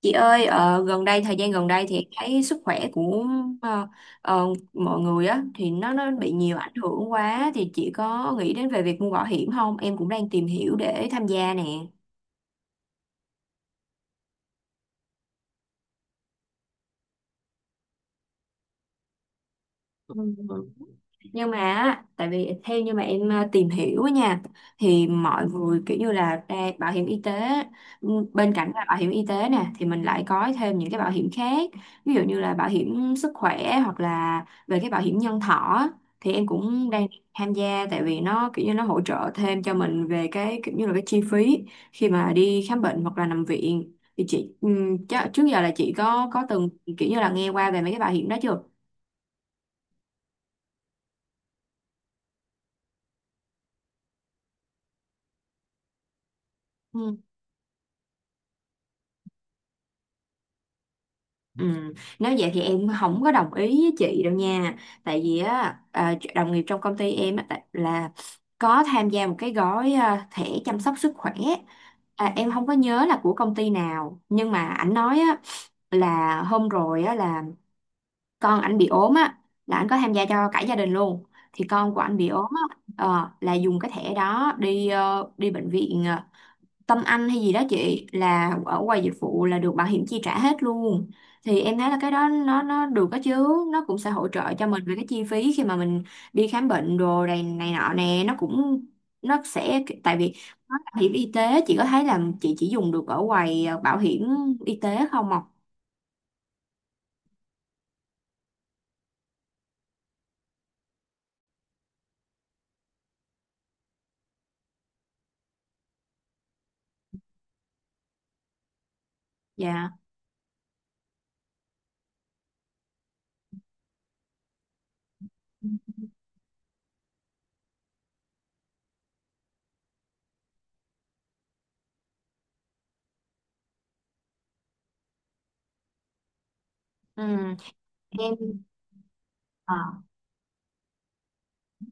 Chị ơi, gần đây thời gian gần đây thì em thấy sức khỏe của ờ, ờ, mọi người á thì nó bị nhiều ảnh hưởng quá, thì chị có nghĩ đến về việc mua bảo hiểm không? Em cũng đang tìm hiểu để tham gia nè. Nhưng mà á, tại vì theo như mà em tìm hiểu á nha, thì mọi người kiểu như là ra bảo hiểm y tế, ừ, bên cạnh là bảo hiểm y tế nè thì mình lại có thêm những cái bảo hiểm khác, ví dụ như là bảo hiểm sức khỏe hoặc là về cái bảo hiểm nhân thọ á, thì em cũng đang tham gia, tại vì nó kiểu như nó hỗ trợ thêm cho mình về cái kiểu như là cái chi phí khi mà đi khám bệnh hoặc là nằm viện. Thì chị ừ, trước giờ là chị có từng kiểu như là nghe qua về mấy cái bảo hiểm đó chưa? Ừ. Ừ. Nếu vậy thì em không có đồng ý với chị đâu nha, tại vì á à, đồng nghiệp trong công ty em á, là có tham gia một cái gói, à, thẻ chăm sóc sức khỏe, à, em không có nhớ là của công ty nào, nhưng mà ảnh nói á là hôm rồi á là con ảnh bị ốm á, là ảnh có tham gia cho cả gia đình luôn. Thì con của ảnh bị ốm á, ờ, là dùng cái thẻ đó đi đi bệnh viện, ờ, Tâm Anh hay gì đó chị, là ở quầy dịch vụ là được bảo hiểm chi trả hết luôn. Thì em thấy là cái đó nó được đó chứ, nó cũng sẽ hỗ trợ cho mình về cái chi phí khi mà mình đi khám bệnh đồ này này nọ nè, nó cũng nó sẽ, tại vì nó là bảo hiểm y tế, chị có thấy là chị chỉ dùng được ở quầy bảo hiểm y tế không ạ? Dạ. Ừ. Em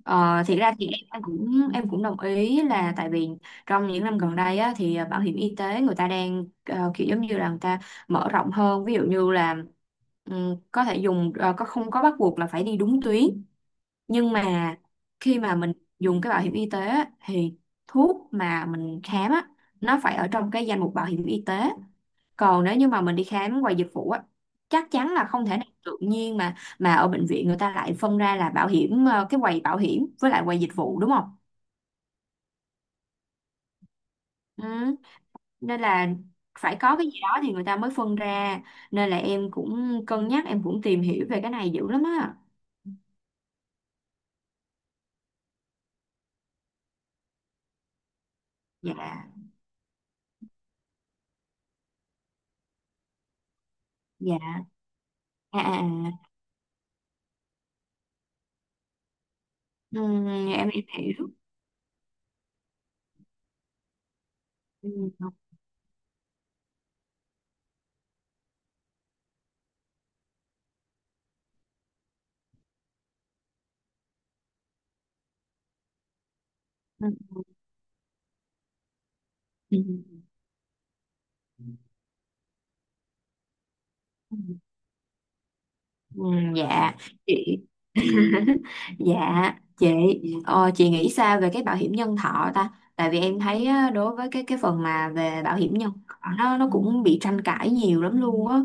ờ, thiệt ra thì em cũng em cũng đồng ý, là tại vì trong những năm gần đây á, thì bảo hiểm y tế người ta đang kiểu giống như là người ta mở rộng hơn, ví dụ như là có thể dùng có không có bắt buộc là phải đi đúng tuyến. Nhưng mà khi mà mình dùng cái bảo hiểm y tế á, thì thuốc mà mình khám á, nó phải ở trong cái danh mục bảo hiểm y tế. Còn nếu như mà mình đi khám ngoài dịch vụ á, chắc chắn là không thể nào tự nhiên mà ở bệnh viện người ta lại phân ra là bảo hiểm cái quầy bảo hiểm với lại quầy dịch vụ đúng không? Ừ. Nên là phải có cái gì đó thì người ta mới phân ra, nên là em cũng cân nhắc, em cũng tìm hiểu về cái này dữ lắm á. Dạ. Dạ. À, à. À. Ừ, em hiểu. Ừ. Ừ. Ừ. Ừ, dạ chị. Dạ chị, ờ, chị nghĩ sao về cái bảo hiểm nhân thọ ta? Tại vì em thấy á, đối với cái phần mà về bảo hiểm nhân thọ, nó cũng bị tranh cãi nhiều lắm luôn á.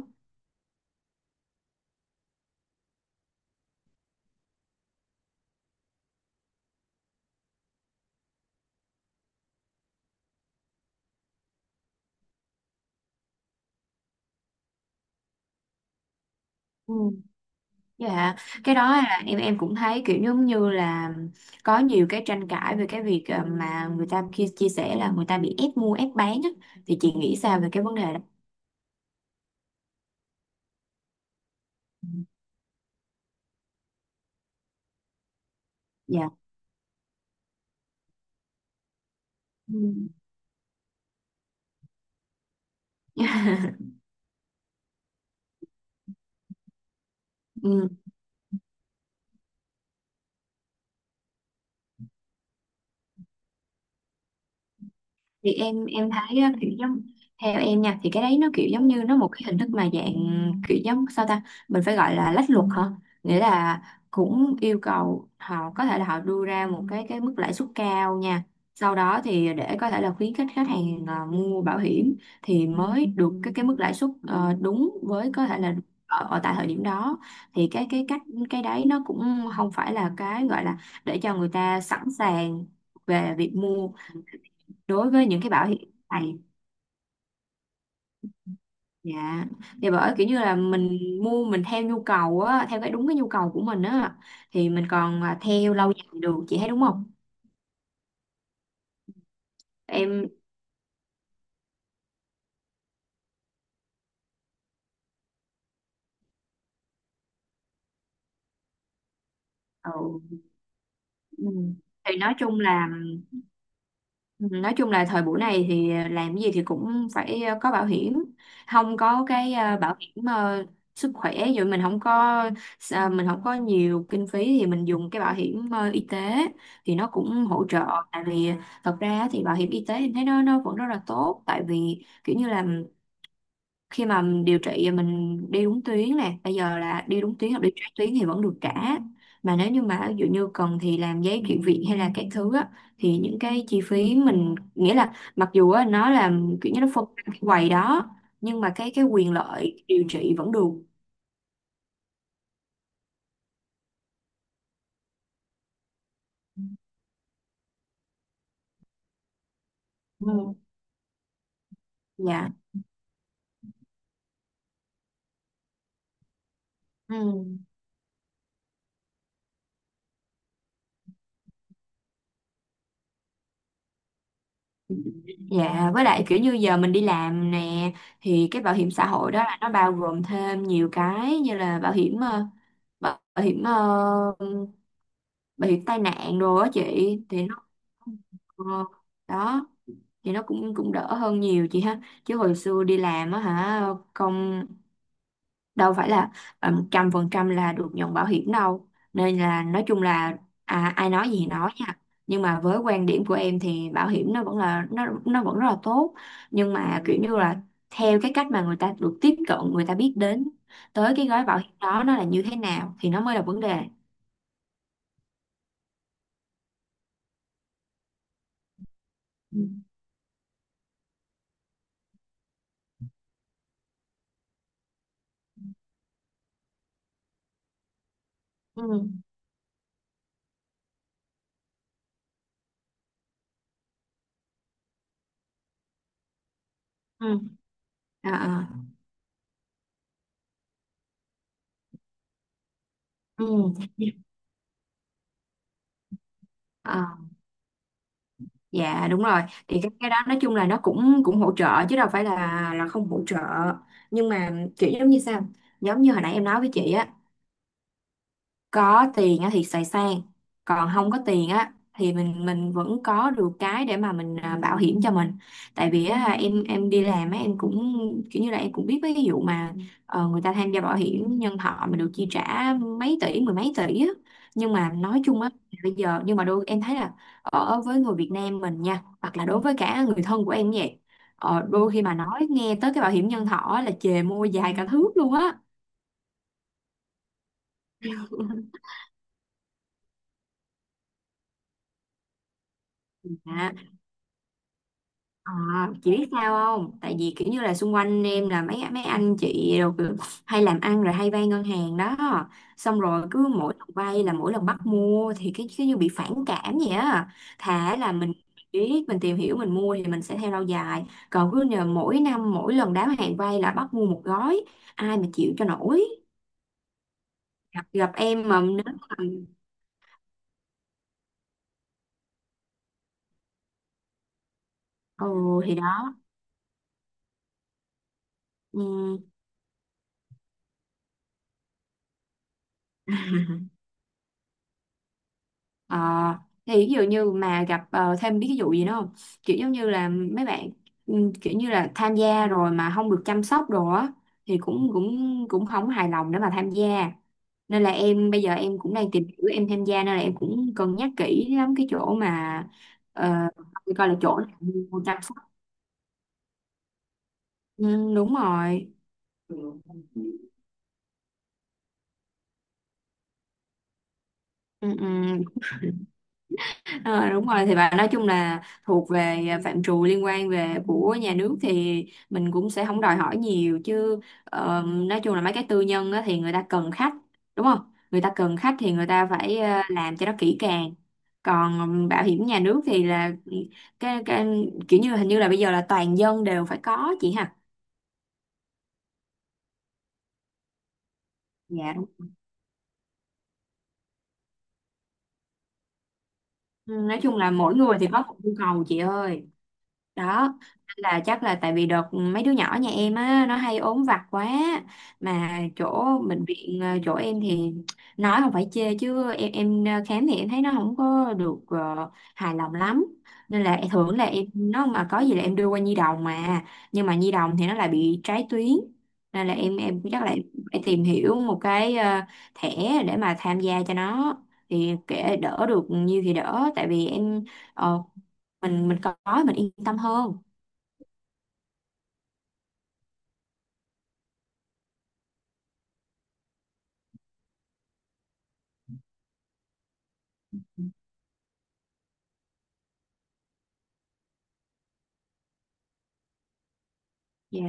Ừ. Dạ, cái đó là em cũng thấy kiểu giống như là có nhiều cái tranh cãi về cái việc mà người ta khi chia sẻ là người ta bị ép mua ép bán á, thì chị nghĩ sao về cái vấn đề đó? Dạ. Ừ. Ừ. Thì em thấy á, kiểu giống, theo em nha thì cái đấy nó kiểu giống như nó một cái hình thức mà dạng kiểu giống sao ta, mình phải gọi là lách luật hả? Nghĩa là cũng yêu cầu họ có thể là họ đưa ra một cái mức lãi suất cao nha, sau đó thì để có thể là khuyến khích khách hàng à, mua bảo hiểm thì mới được cái mức lãi suất ờ, đúng với có thể là ở tại thời điểm đó. Thì cái cách, cái đấy nó cũng không phải là cái gọi là để cho người ta sẵn sàng về việc mua đối với những cái bảo hiểm này. Dạ, thì bởi kiểu như là mình mua mình theo nhu cầu á, theo cái đúng cái nhu cầu của mình á, thì mình còn à, theo lâu dài được, chị thấy đúng không? Em ừ. Ừ. Thì nói chung là ừ, nói chung là thời buổi này thì làm cái gì thì cũng phải có bảo hiểm. Không có cái bảo hiểm sức khỏe rồi mình không có ờ, mình không có nhiều kinh phí thì mình dùng cái bảo hiểm y tế thì nó cũng hỗ trợ. Tại vì thật ra thì bảo hiểm y tế thì thấy nó vẫn rất là tốt, tại vì kiểu như là khi mà mình điều trị mình đi đúng tuyến nè, bây giờ là đi đúng tuyến hoặc đi trái tuyến thì vẫn được trả. Mà nếu như mà ví dụ như cần thì làm giấy chuyển viện hay là các thứ á, thì những cái chi phí mình nghĩa là mặc dù á, nó là kiểu như nó phân cái quầy đó, nhưng mà cái quyền lợi điều trị vẫn được. Ừ. Dạ. Ừ. Dạ, với lại kiểu như giờ mình đi làm nè, thì cái bảo hiểm xã hội đó là nó bao gồm thêm nhiều cái, như là bảo hiểm bảo bảo hiểm ờ, bị tai nạn rồi á chị, thì nó ờ, đó. Thì nó cũng cũng đỡ hơn nhiều chị ha, chứ hồi xưa đi làm á hả, không đâu phải là 100% là được nhận bảo hiểm đâu. Nên là nói chung là à, ai nói gì thì nói nha, nhưng mà với quan điểm của em thì bảo hiểm nó vẫn là nó vẫn rất là tốt, nhưng mà kiểu như là theo cái cách mà người ta được tiếp cận, người ta biết đến tới cái gói bảo hiểm đó nó là như thế nào thì nó mới là vấn đề. Ừ. Ừ. Ừ. À, à. Ừ. À, dạ đúng rồi, thì cái đó nói chung là nó cũng cũng hỗ trợ chứ đâu phải là không hỗ trợ. Nhưng mà kiểu giống như sao, giống như hồi nãy em nói với chị á, có tiền á thì xài sang, còn không có tiền á thì mình vẫn có được cái để mà mình à, bảo hiểm cho mình. Tại vì á, em đi làm á em cũng kiểu như là em cũng biết mấy cái vụ mà người ta tham gia bảo hiểm nhân thọ mà được chi trả mấy tỷ mười mấy tỷ á. Nhưng mà nói chung á, bây giờ nhưng mà đôi em thấy là ở với người Việt Nam mình nha, hoặc là đối với cả người thân của em cũng vậy, ờ, đôi khi mà nói nghe tới cái bảo hiểm nhân thọ á là chề môi dài cả thước luôn á. À, à, chị biết sao không? Tại vì kiểu như là xung quanh em là mấy mấy anh chị rồi kiểu hay làm ăn rồi hay vay ngân hàng đó. Xong rồi cứ mỗi lần vay là mỗi lần bắt mua thì cái cứ như bị phản cảm vậy á. Thà là mình biết mình tìm hiểu mình mua thì mình sẽ theo lâu dài. Còn cứ nhờ mỗi năm mỗi lần đáo hạn vay là bắt mua một gói, ai mà chịu cho nổi. Gặp em mà nếu mà ừ thì đó. Ừ. À, thì ví dụ như mà gặp ờ, thêm biết cái vụ gì nữa không? Kiểu giống như là mấy bạn ừ, kiểu như là tham gia rồi mà không được chăm sóc đồ á, thì cũng cũng cũng không hài lòng để mà tham gia. Nên là em bây giờ em cũng đang tìm hiểu em tham gia, nên là em cũng cân nhắc kỹ lắm cái chỗ mà ờ, coi là chỗ nào mua chăm sóc. Ừ, đúng rồi. Ừ, ừ. Ờ, đúng rồi, thì bạn nói chung là thuộc về à, phạm trù liên quan về của nhà nước thì mình cũng sẽ không đòi hỏi nhiều chứ. Ờ, nói chung là mấy cái tư nhân á, thì người ta cần khách, đúng không, người ta cần khách thì người ta phải à, làm cho nó kỹ càng. Còn bảo hiểm nhà nước thì là cái kiểu như hình như là bây giờ là toàn dân đều phải có chị ha. Dạ đúng. Ừ, nói chung là mỗi người thì có một nhu cầu chị ơi, đó là chắc là tại vì đợt mấy đứa nhỏ nhà em á nó hay ốm vặt quá. Mà chỗ bệnh viện chỗ em thì nói không phải chê chứ em ờ, khám thì em thấy nó không có được ờ, hài lòng lắm, nên là thường là em nó mà có gì là em đưa qua nhi đồng. Mà nhưng mà nhi đồng thì nó lại bị trái tuyến, nên là em chắc là em phải tìm hiểu một cái ờ, thẻ để mà tham gia cho nó, thì kệ đỡ được nhiều thì đỡ, tại vì em ờ, mình có mình yên tâm hơn. Dạ.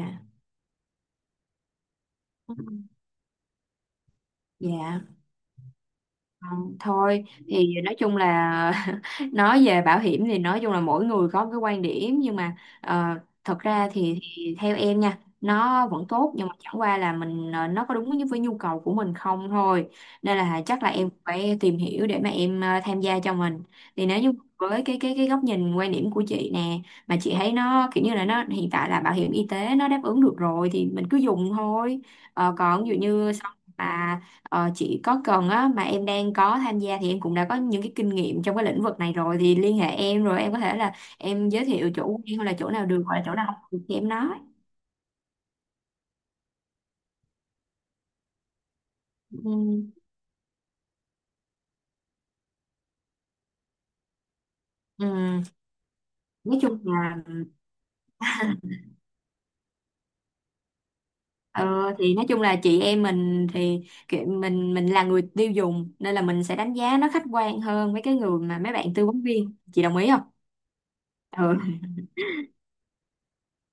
Dạ. Không, thôi thì nói chung là nói về bảo hiểm thì nói chung là mỗi người có một cái quan điểm, nhưng mà ờ, thật ra thì theo em nha, nó vẫn tốt, nhưng mà chẳng qua là mình ờ, nó có đúng với nhu cầu của mình không thôi. Nên là chắc là em phải tìm hiểu để mà em tham gia cho mình. Thì nếu như với cái góc nhìn quan điểm của chị nè, mà chị thấy nó kiểu như là nó hiện tại là bảo hiểm y tế nó đáp ứng được rồi thì mình cứ dùng thôi. Ờ, còn ví dụ như sau mà ờ, chị có cần á, mà em đang có tham gia thì em cũng đã có những cái kinh nghiệm trong cái lĩnh vực này rồi, thì liên hệ em rồi em có thể là em giới thiệu chỗ quen hoặc là chỗ nào được hoặc là chỗ nào không được thì em nói. Ừ. Ừ. Nói chung là ờ, thì nói chung là chị em mình thì kiểu mình là người tiêu dùng nên là mình sẽ đánh giá nó khách quan hơn với cái người mà mấy bạn tư vấn viên, chị đồng ý không? Ừ.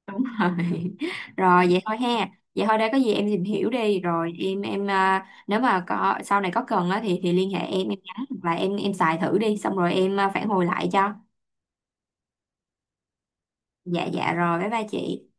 Đúng rồi. Rồi vậy thôi ha, vậy thôi đây, có gì em tìm hiểu đi rồi em à, nếu mà có sau này có cần á thì liên hệ em nhắn hoặc là em xài thử đi xong rồi em à, phản hồi lại cho. Dạ, dạ rồi, bye bye chị.